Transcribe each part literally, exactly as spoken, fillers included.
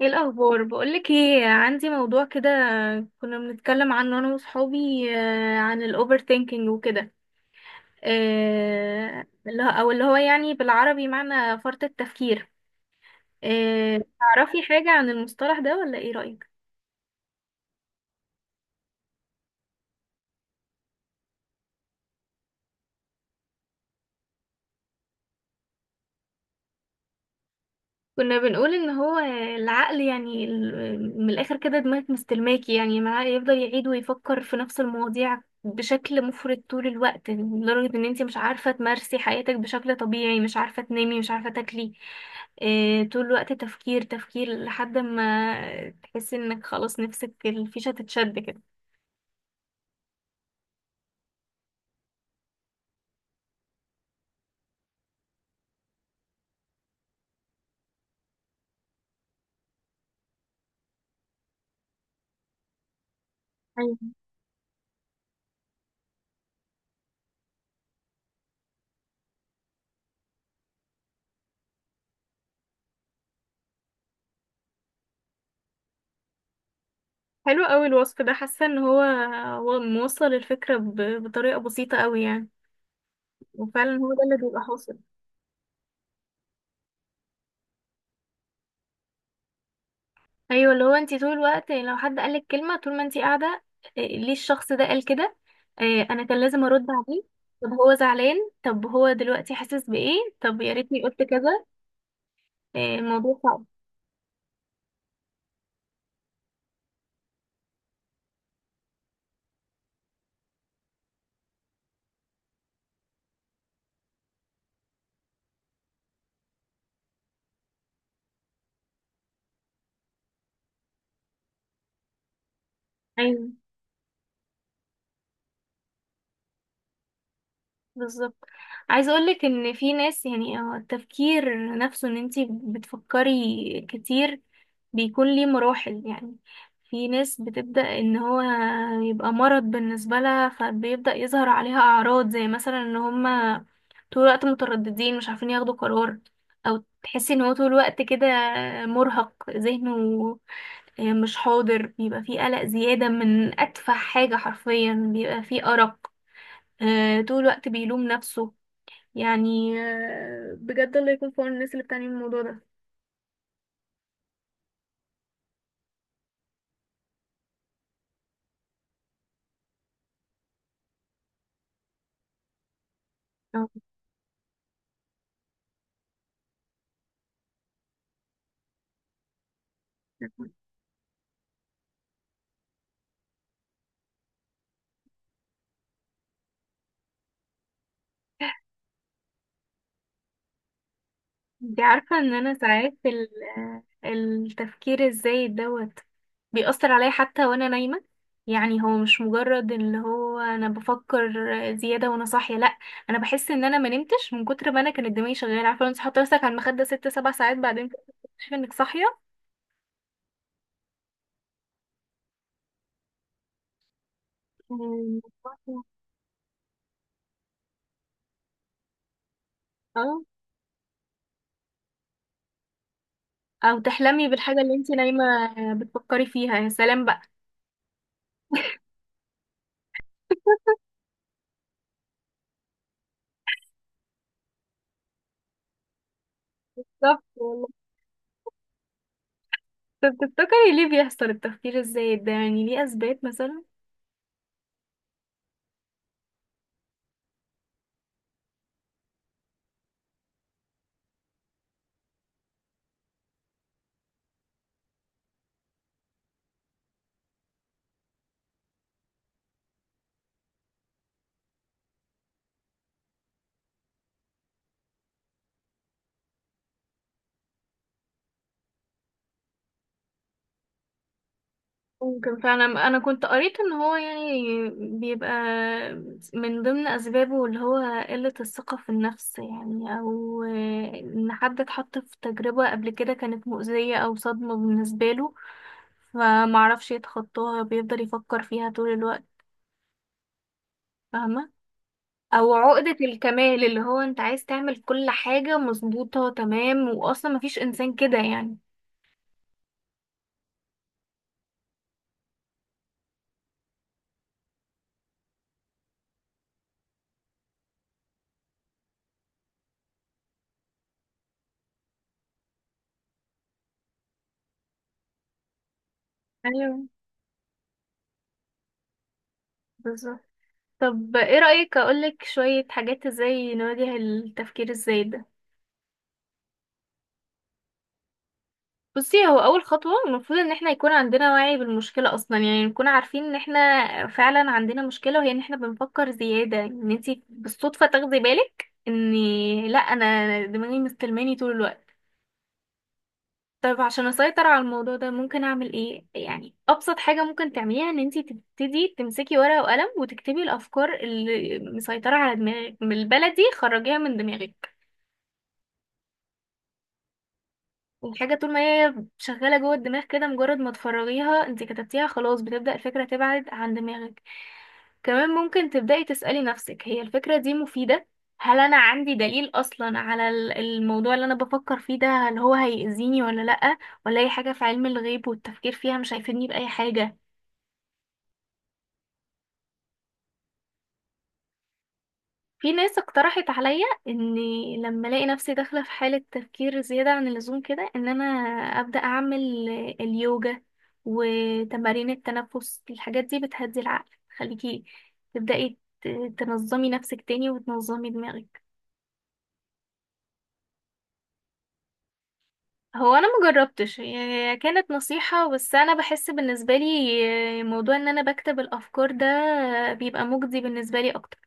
ايه الاخبار؟ بقولك ايه، عندي موضوع كده كنا بنتكلم عنه انا وصحابي. آه، عن الاوفر ثينكينج وكده. آه، اللي هو- او اللي هو يعني بالعربي معنى فرط التفكير. آه، تعرفي حاجة عن المصطلح ده ولا ايه رأيك؟ كنا بنقول ان هو العقل يعني ال- من الاخر كده دماغك مستلماكي يعني معاه، يفضل يعيد ويفكر في نفس المواضيع بشكل مفرط طول الوقت، لدرجة ان انتي مش عارفة تمارسي حياتك بشكل طبيعي، مش عارفة تنامي، مش عارفة تاكلي. إيه، طول الوقت تفكير تفكير لحد ما تحسي انك خلاص نفسك الفيشة تتشد كده. أيوة. حلو قوي الوصف ده، حاسة ان هو هو موصل الفكرة ب- بطريقة بسيطة قوي يعني. وفعلا هو ده اللي بيبقى حاصل. ايوه، اللي هو انت طول الوقت لو حد قالك كلمه طول ما انت قاعده، إيه، ليه الشخص ده قال كده؟ إيه، انا كان لازم ارد عليه. طب هو زعلان؟ طب هو دلوقتي حاسس بايه؟ طب يا ريتني قلت كذا. إيه، الموضوع صعب. أيوة. بالظبط. عايزه اقولك ان في ناس يعني آه، التفكير نفسه، ان انتي بتفكري كتير بيكون ليه مراحل يعني. في ناس بتبدأ ان هو يبقى مرض بالنسبه لها، فبيبدأ يظهر عليها اعراض زي مثلا ان هما طول الوقت مترددين، مش عارفين ياخدوا قرار، او تحسي ان هو طول الوقت كده مرهق ذهنه، مش حاضر، بيبقى فيه قلق زيادة من أتفه حاجة حرفيا، بيبقى فيه أرق. آه، طول الوقت بيلوم نفسه. يعني آه، بجد الله يكون في عون الناس اللي بتعاني من الموضوع ده. آه. انت عارفة ان انا ساعات ال- آه، التفكير الزايد دوت بيأثر عليا حتى وانا نايمة. يعني هو مش مجرد اللي هو انا بفكر زيادة وانا صاحية، لا. انا بحس ان انا ما نمتش من كتر ما انا كانت دماغي شغالة. عارفة، لو انت حاطة نفسك على المخدة ست سبع ساعات، بعدين تكتشفي انك صاحية. أمم، اه. او تحلمي بالحاجة اللي انت نايمة بتفكري فيها. يا سلام بقى. بالظبط. طب تفتكري ليه بيحصل التفكير الزايد ده؟ يعني ليه أثبات مثلا؟ ممكن فعلا. أنا كنت قريت إن هو يعني بيبقى من ضمن أسبابه اللي هو قلة الثقة في النفس، يعني، أو إن حد اتحط في تجربة قبل كده كانت مؤذية أو صدمة بالنسبة له، فمعرفش يتخطاها، بيفضل يفكر فيها طول الوقت. فاهمة؟ أو عقدة الكمال، اللي هو أنت عايز تعمل كل حاجة مظبوطة تمام، وأصلا مفيش إنسان كده يعني. ايوه بالظبط. طب ايه رأيك اقولك شوية حاجات ازاي نواجه التفكير الزايد ده؟ بصي، هو اول خطوة المفروض ان احنا يكون عندنا وعي بالمشكلة اصلا، يعني نكون عارفين ان احنا فعلا عندنا مشكلة، وهي ان احنا بنفكر زيادة، ان انتي بالصدفة تاخدي بالك ان: لا، انا دماغي مستلماني طول الوقت. طيب عشان اسيطر على الموضوع ده ممكن اعمل ايه؟ يعني ابسط حاجة ممكن تعمليها ان انتي تبتدي تمسكي ورقة وقلم وتكتبي الافكار اللي مسيطرة على دماغك. بالبلدي خرجيها من دماغك. الحاجة طول ما هي شغالة جوه الدماغ كده، مجرد ما تفرغيها، انت كتبتيها، خلاص بتبدأ الفكرة تبعد عن دماغك. كمان ممكن تبدأي تسألي نفسك: هي الفكرة دي مفيدة؟ هل أنا عندي دليل أصلا على ال- الموضوع اللي أنا بفكر فيه ده؟ هل هو هيأذيني ولا لأ؟ ولا أي حاجة في علم الغيب والتفكير فيها مش هيفيدني بأي حاجة؟ في ناس اقترحت عليا اني لما الاقي نفسي داخله في حاله تفكير زياده عن اللزوم كده، ان انا ابدا اعمل اليوجا وتمارين التنفس. الحاجات دي بتهدي العقل. خليكي تبداي ت- تنظمي نفسك تاني وتنظمي دماغك. هو انا مجربتش، هي كانت نصيحه بس، انا بحس بالنسبه لي موضوع ان انا بكتب الافكار ده بيبقى مجدي بالنسبه لي اكتر.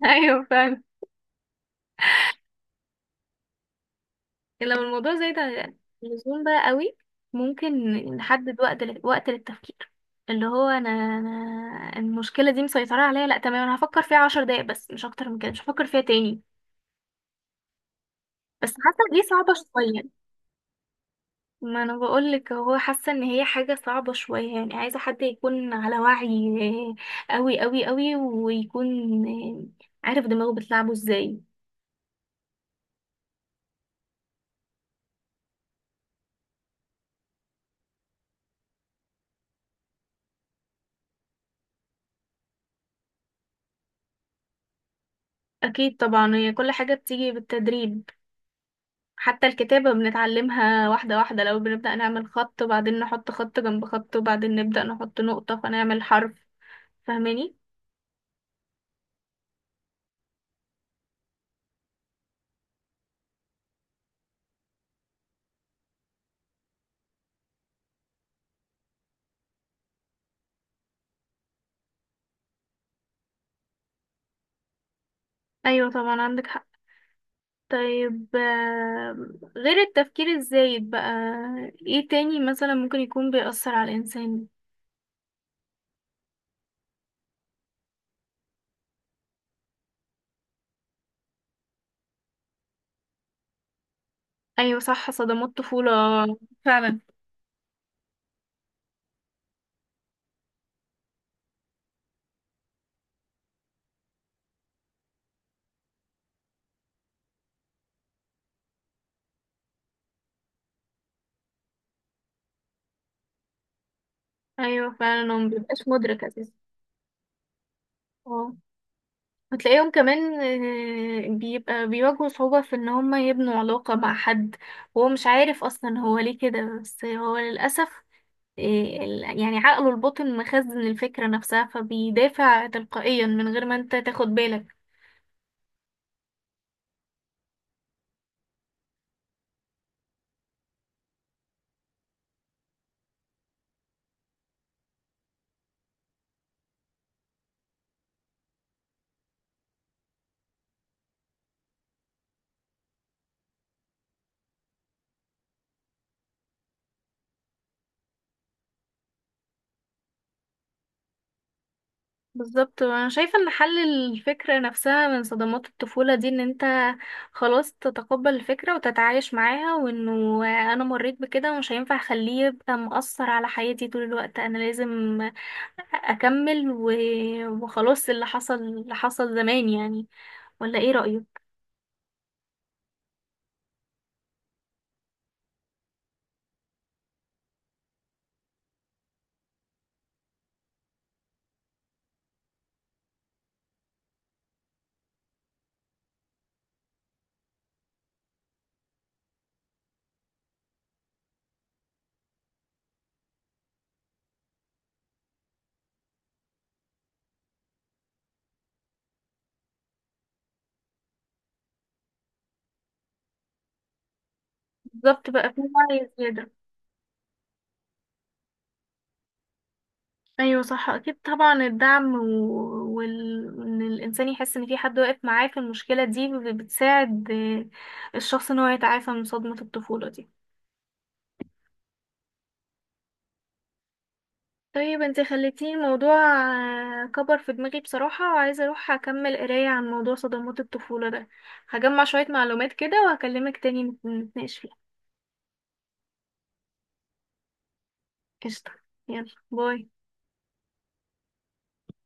ايوه فعلا. لكن لو الموضوع زايد عن اللزوم بقى قوي، ممكن نحدد وقت لل- وقت للتفكير. اللي هو انا انا المشكله دي مسيطره عليا، لا تمام، انا هفكر فيها عشر دقايق بس، مش اكتر من كده، مش هفكر فيها تاني. بس حاسه دي صعبه شويه. ما انا بقولك، هو حاسه ان هي حاجه صعبه شويه يعني، عايزه حد يكون على وعي قوي قوي قوي، ويكون عارف دماغه بتلعبه ازاي. اكيد طبعا، هي كل حاجه بتيجي بالتدريب. حتى الكتابة بنتعلمها واحدة واحدة، لو بنبدأ نعمل خط، وبعدين نحط خط جنب خط، وبعدين نبدأ نحط نقطة فنعمل حرف. فاهماني؟ أيوة طبعا عندك حق. طيب، آم، غير التفكير الزايد بقى، ايه تاني مثلا ممكن يكون بيأثر على الإنسان؟ أيوة صح، صدمات طفولة فعلا. أيوة فعلا، هو مبيبقاش مدرك أساسا. اه. وتلاقيهم كمان آه، بيبقى بيواجهوا صعوبة في ان هما يبنوا علاقة مع حد، وهو مش عارف اصلا هو ليه كده، بس هو للأسف آه، ال- يعني عقله الباطن مخزن الفكرة نفسها، فبيدافع تلقائيا من غير ما انت تاخد بالك. بالظبط. وانا شايفة ان حل الفكرة نفسها من صدمات الطفولة دي ان انت خلاص تتقبل الفكرة وتتعايش معاها، وانه انا مريت بكده ومش هينفع اخليه يبقى مؤثر على حياتي طول الوقت. انا لازم اكمل و... وخلاص، اللي حصل اللي حصل زمان يعني. ولا ايه رأيك؟ بالظبط، بقى في وعي زيادة. ايوه صح. اكيد طبعا الدعم و... وال... وان الانسان يحس ان في حد واقف معاه في المشكلة دي بتساعد آه، الشخص ان هو يتعافى من صدمة الطفولة دي. طيب انت خليتيني الموضوع آه، كبر في دماغي بصراحة، وعايزة اروح اكمل قراية عن موضوع صدمات الطفولة ده. هجمع شوية معلومات كده وهكلمك تاني نت- نتناقش فيها. قشطة، يلا باي.